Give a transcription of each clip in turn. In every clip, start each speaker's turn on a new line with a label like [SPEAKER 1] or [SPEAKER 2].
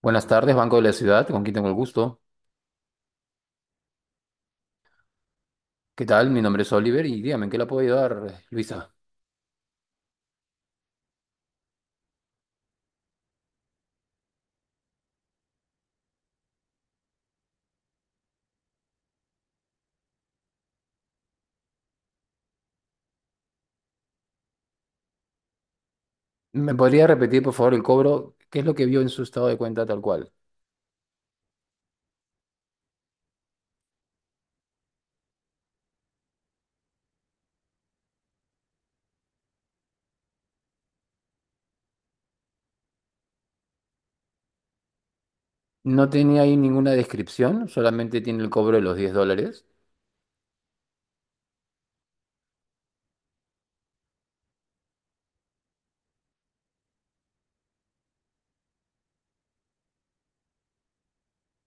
[SPEAKER 1] Buenas tardes, Banco de la Ciudad, con quien tengo el gusto. ¿Qué tal? Mi nombre es Oliver y dígame, ¿en qué la puedo ayudar, Luisa? ¿Me podría repetir, por favor, el cobro? ¿Qué es lo que vio en su estado de cuenta tal cual? No tenía ahí ninguna descripción, solamente tiene el cobro de los diez dólares.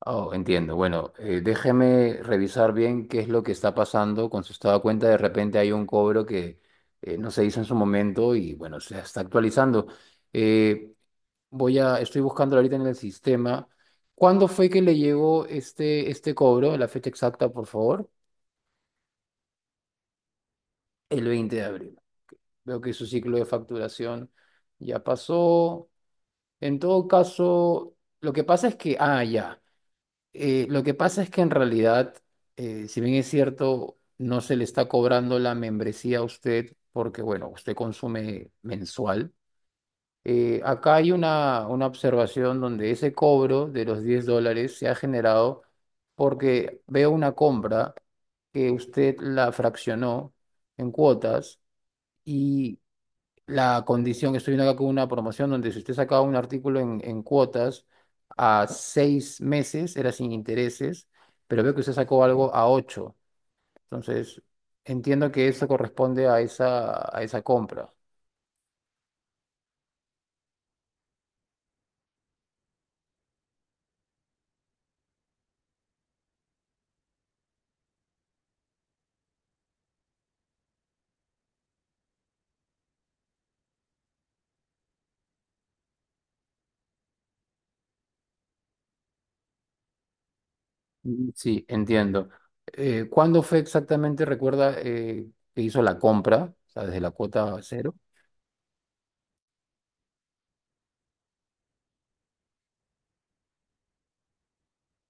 [SPEAKER 1] Oh, entiendo. Bueno, déjeme revisar bien qué es lo que está pasando con su estado de cuenta. De repente hay un cobro que no se hizo en su momento y, bueno, se está actualizando. Eh, estoy buscando ahorita en el sistema. ¿Cuándo fue que le llegó este cobro? La fecha exacta, por favor. El 20 de abril. Veo que su ciclo de facturación ya pasó. En todo caso, lo que pasa es que, ah, ya. Lo que pasa es que en realidad, si bien es cierto, no se le está cobrando la membresía a usted porque, bueno, usted consume mensual. Acá hay una observación donde ese cobro de los 10 dólares se ha generado porque veo una compra que usted la fraccionó en cuotas y la condición, estoy viendo acá con una promoción donde si usted sacaba un artículo en cuotas a 6 meses era sin intereses, pero veo que usted sacó algo a ocho. Entonces, entiendo que eso corresponde a a esa compra. Mm, sí, entiendo. ¿Cuándo fue exactamente, recuerda, que hizo la compra? O sea, desde la cuota cero.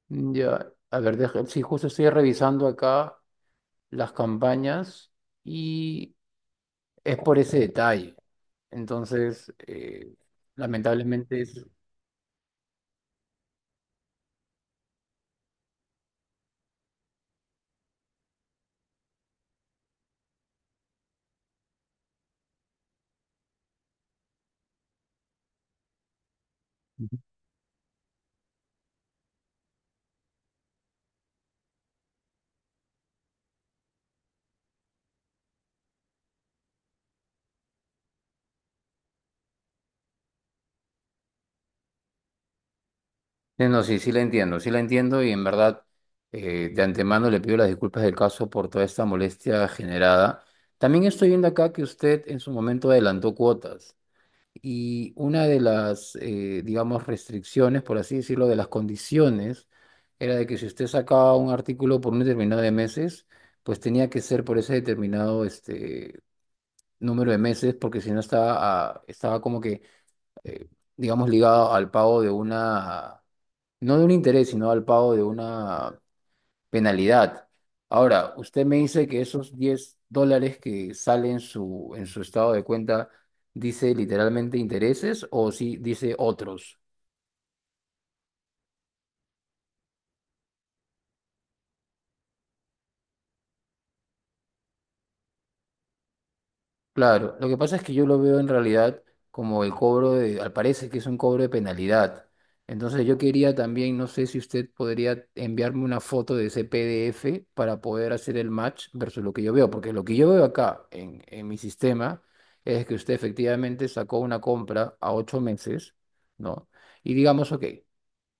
[SPEAKER 1] Ya, a ver, sí, justo estoy revisando acá las campañas y es por ese detalle. Entonces, lamentablemente es... Ujú. Sí, no, sí, sí la entiendo y en verdad de antemano le pido las disculpas del caso por toda esta molestia generada. También estoy viendo acá que usted en su momento adelantó cuotas. Y una de las, digamos, restricciones, por así decirlo, de las condiciones, era de que si usted sacaba un artículo por un determinado de meses, pues tenía que ser por ese determinado este, número de meses, porque si no estaba, ah, estaba como que, eh, digamos, ligado al pago de una, no de un interés, sino al pago de una penalidad. Ahora, usted me dice que esos 10 dólares que salen en en su estado de cuenta dice literalmente intereses o si dice otros. Claro, lo que pasa es que yo lo veo en realidad como el cobro de, al parecer que es un cobro de penalidad. Entonces yo quería también, no sé si usted podría enviarme una foto de ese PDF para poder hacer el match versus lo que yo veo, porque lo que yo veo acá en mi sistema es que usted efectivamente sacó una compra a ocho meses, ¿no? Y digamos, ok,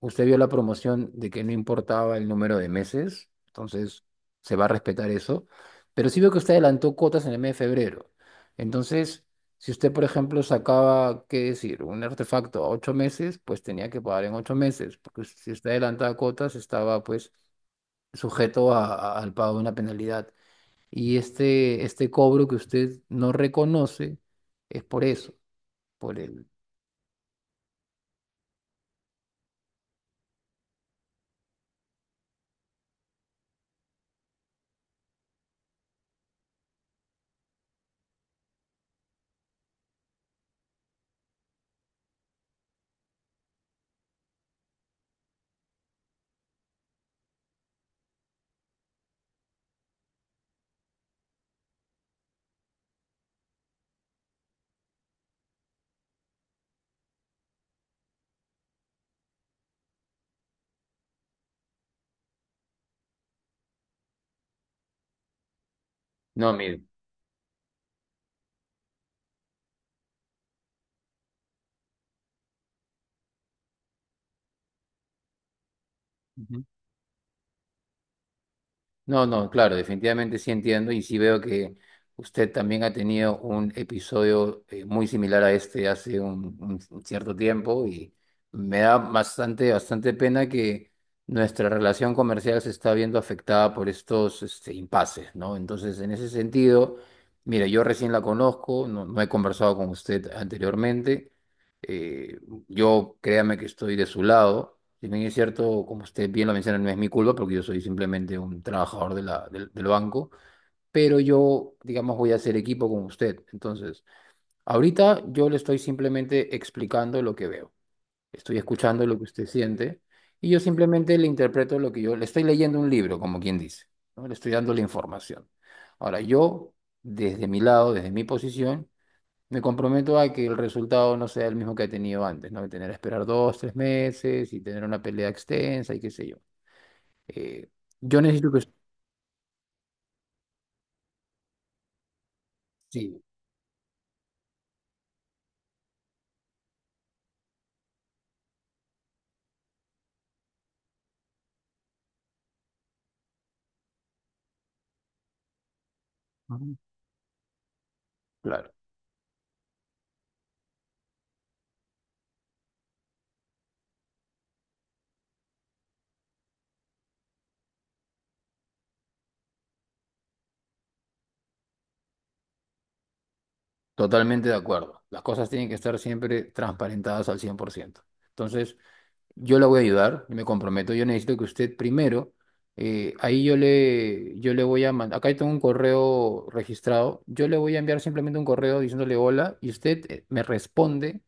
[SPEAKER 1] usted vio la promoción de que no importaba el número de meses, entonces se va a respetar eso, pero sí veo que usted adelantó cuotas en el mes de febrero. Entonces, si usted, por ejemplo, sacaba, qué decir, un artefacto a ocho meses, pues tenía que pagar en ocho meses, porque si usted adelantaba cuotas, estaba pues sujeto al pago de una penalidad. Y este cobro que usted no reconoce es por eso, por el... No, mire. No, no, claro, definitivamente sí entiendo y sí veo que usted también ha tenido un episodio muy similar a este hace un cierto tiempo y me da bastante, bastante pena que nuestra relación comercial se está viendo afectada por impases, ¿no? Entonces, en ese sentido, mire, yo recién la conozco, no he conversado con usted anteriormente. eh, yo créame que estoy de su lado. Si bien es cierto, como usted bien lo menciona, no es mi culpa porque yo soy simplemente un trabajador de la, del banco, pero yo, digamos, voy a hacer equipo con usted. Entonces, ahorita yo le estoy simplemente explicando lo que veo. Estoy escuchando lo que usted siente y yo simplemente le interpreto lo que yo le estoy leyendo un libro, como quien dice, ¿no? Le estoy dando la información. Ahora, yo, desde mi lado, desde mi posición, me comprometo a que el resultado no sea el mismo que he tenido antes, ¿no? Tener que esperar dos, tres meses y tener una pelea extensa y qué sé yo. Eh, yo necesito que... Sí, ujú, claro, totalmente de acuerdo. Las cosas tienen que estar siempre transparentadas al 100%. Entonces, yo la voy a ayudar, y me comprometo. Yo necesito que usted primero, ahí yo le voy a mandar, acá tengo un correo registrado, yo le voy a enviar simplemente un correo diciéndole hola y usted me responde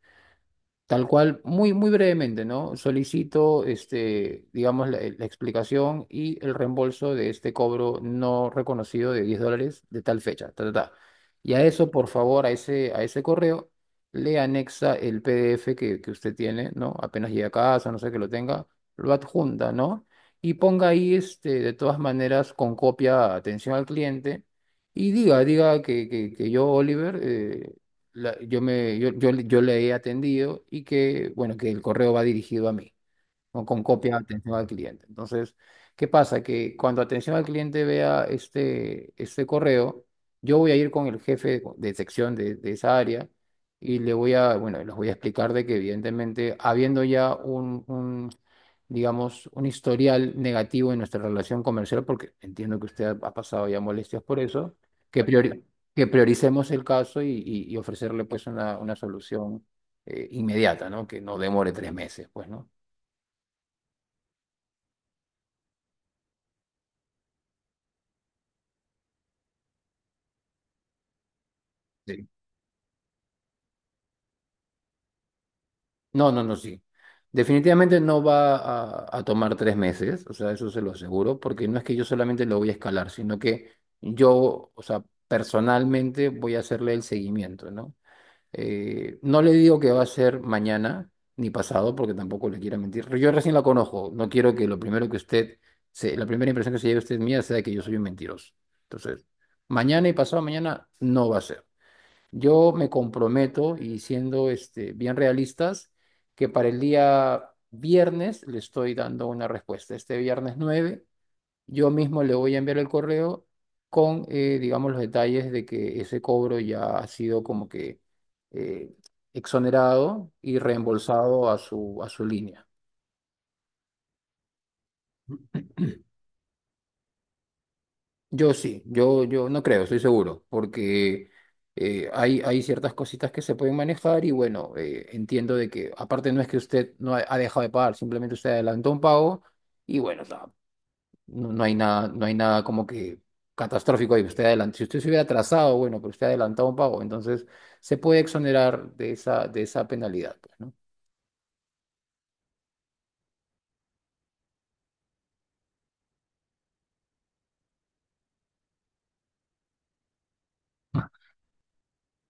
[SPEAKER 1] tal cual, muy, muy brevemente, ¿no? Solicito, este, digamos, la explicación y el reembolso de este cobro no reconocido de 10 dólares de tal fecha. Ta, ta, ta. Y a eso, por favor, a ese correo, le anexa el PDF que usted tiene, ¿no? Apenas llegue a casa, no sé que lo tenga, lo adjunta, ¿no? Y ponga ahí, este, de todas maneras, con copia, atención al cliente. Y diga que yo, Oliver, la- yo, me, yo le he atendido y que, bueno, que el correo va dirigido a mí o con copia de atención al cliente. Entonces, ¿qué pasa? Que cuando atención al cliente vea este correo, yo voy a ir con el jefe de, sección de esa área y le voy a, bueno, les voy a explicar de que evidentemente, habiendo ya digamos, un historial negativo en nuestra relación comercial, porque entiendo que usted ha pasado ya molestias por eso, que priori- que prioricemos el caso y ofrecerle pues una solución inmediata, ¿no? Que no demore tres meses, pues, ¿no? No, no, no, sí. Definitivamente no va a tomar tres meses, o sea, eso se lo aseguro, porque no es que yo solamente lo voy a escalar, sino que yo, o sea, personalmente voy a hacerle el seguimiento, ¿no? No le digo que va a ser mañana ni pasado, porque tampoco le quiero mentir. Yo recién la conozco, no quiero que lo primero que usted, se, la primera impresión que se lleve usted mía sea que yo soy un mentiroso. Entonces, mañana y pasado mañana no va a ser. Yo me comprometo, y siendo este, bien realistas, que para el día viernes le estoy dando una respuesta. Este viernes 9, yo mismo le voy a enviar el correo con, digamos, los detalles de que ese cobro ya ha sido como que eh, exonerado y reembolsado a a su línea. Yo sí, yo no creo, estoy seguro, porque hay ciertas cositas que se pueden manejar y bueno, entiendo de que aparte no es que usted no ha dejado de pagar, simplemente usted adelantó un pago y bueno, o sea, no hay nada, no hay nada como que catastrófico ahí. Usted adelantó, si usted se hubiera atrasado, bueno, pero usted ha adelantado un pago, entonces se puede exonerar de de esa penalidad, pues, ¿no?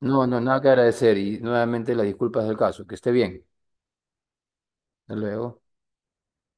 [SPEAKER 1] No, no, nada que agradecer y nuevamente las disculpas del caso. Que esté bien. Hasta luego.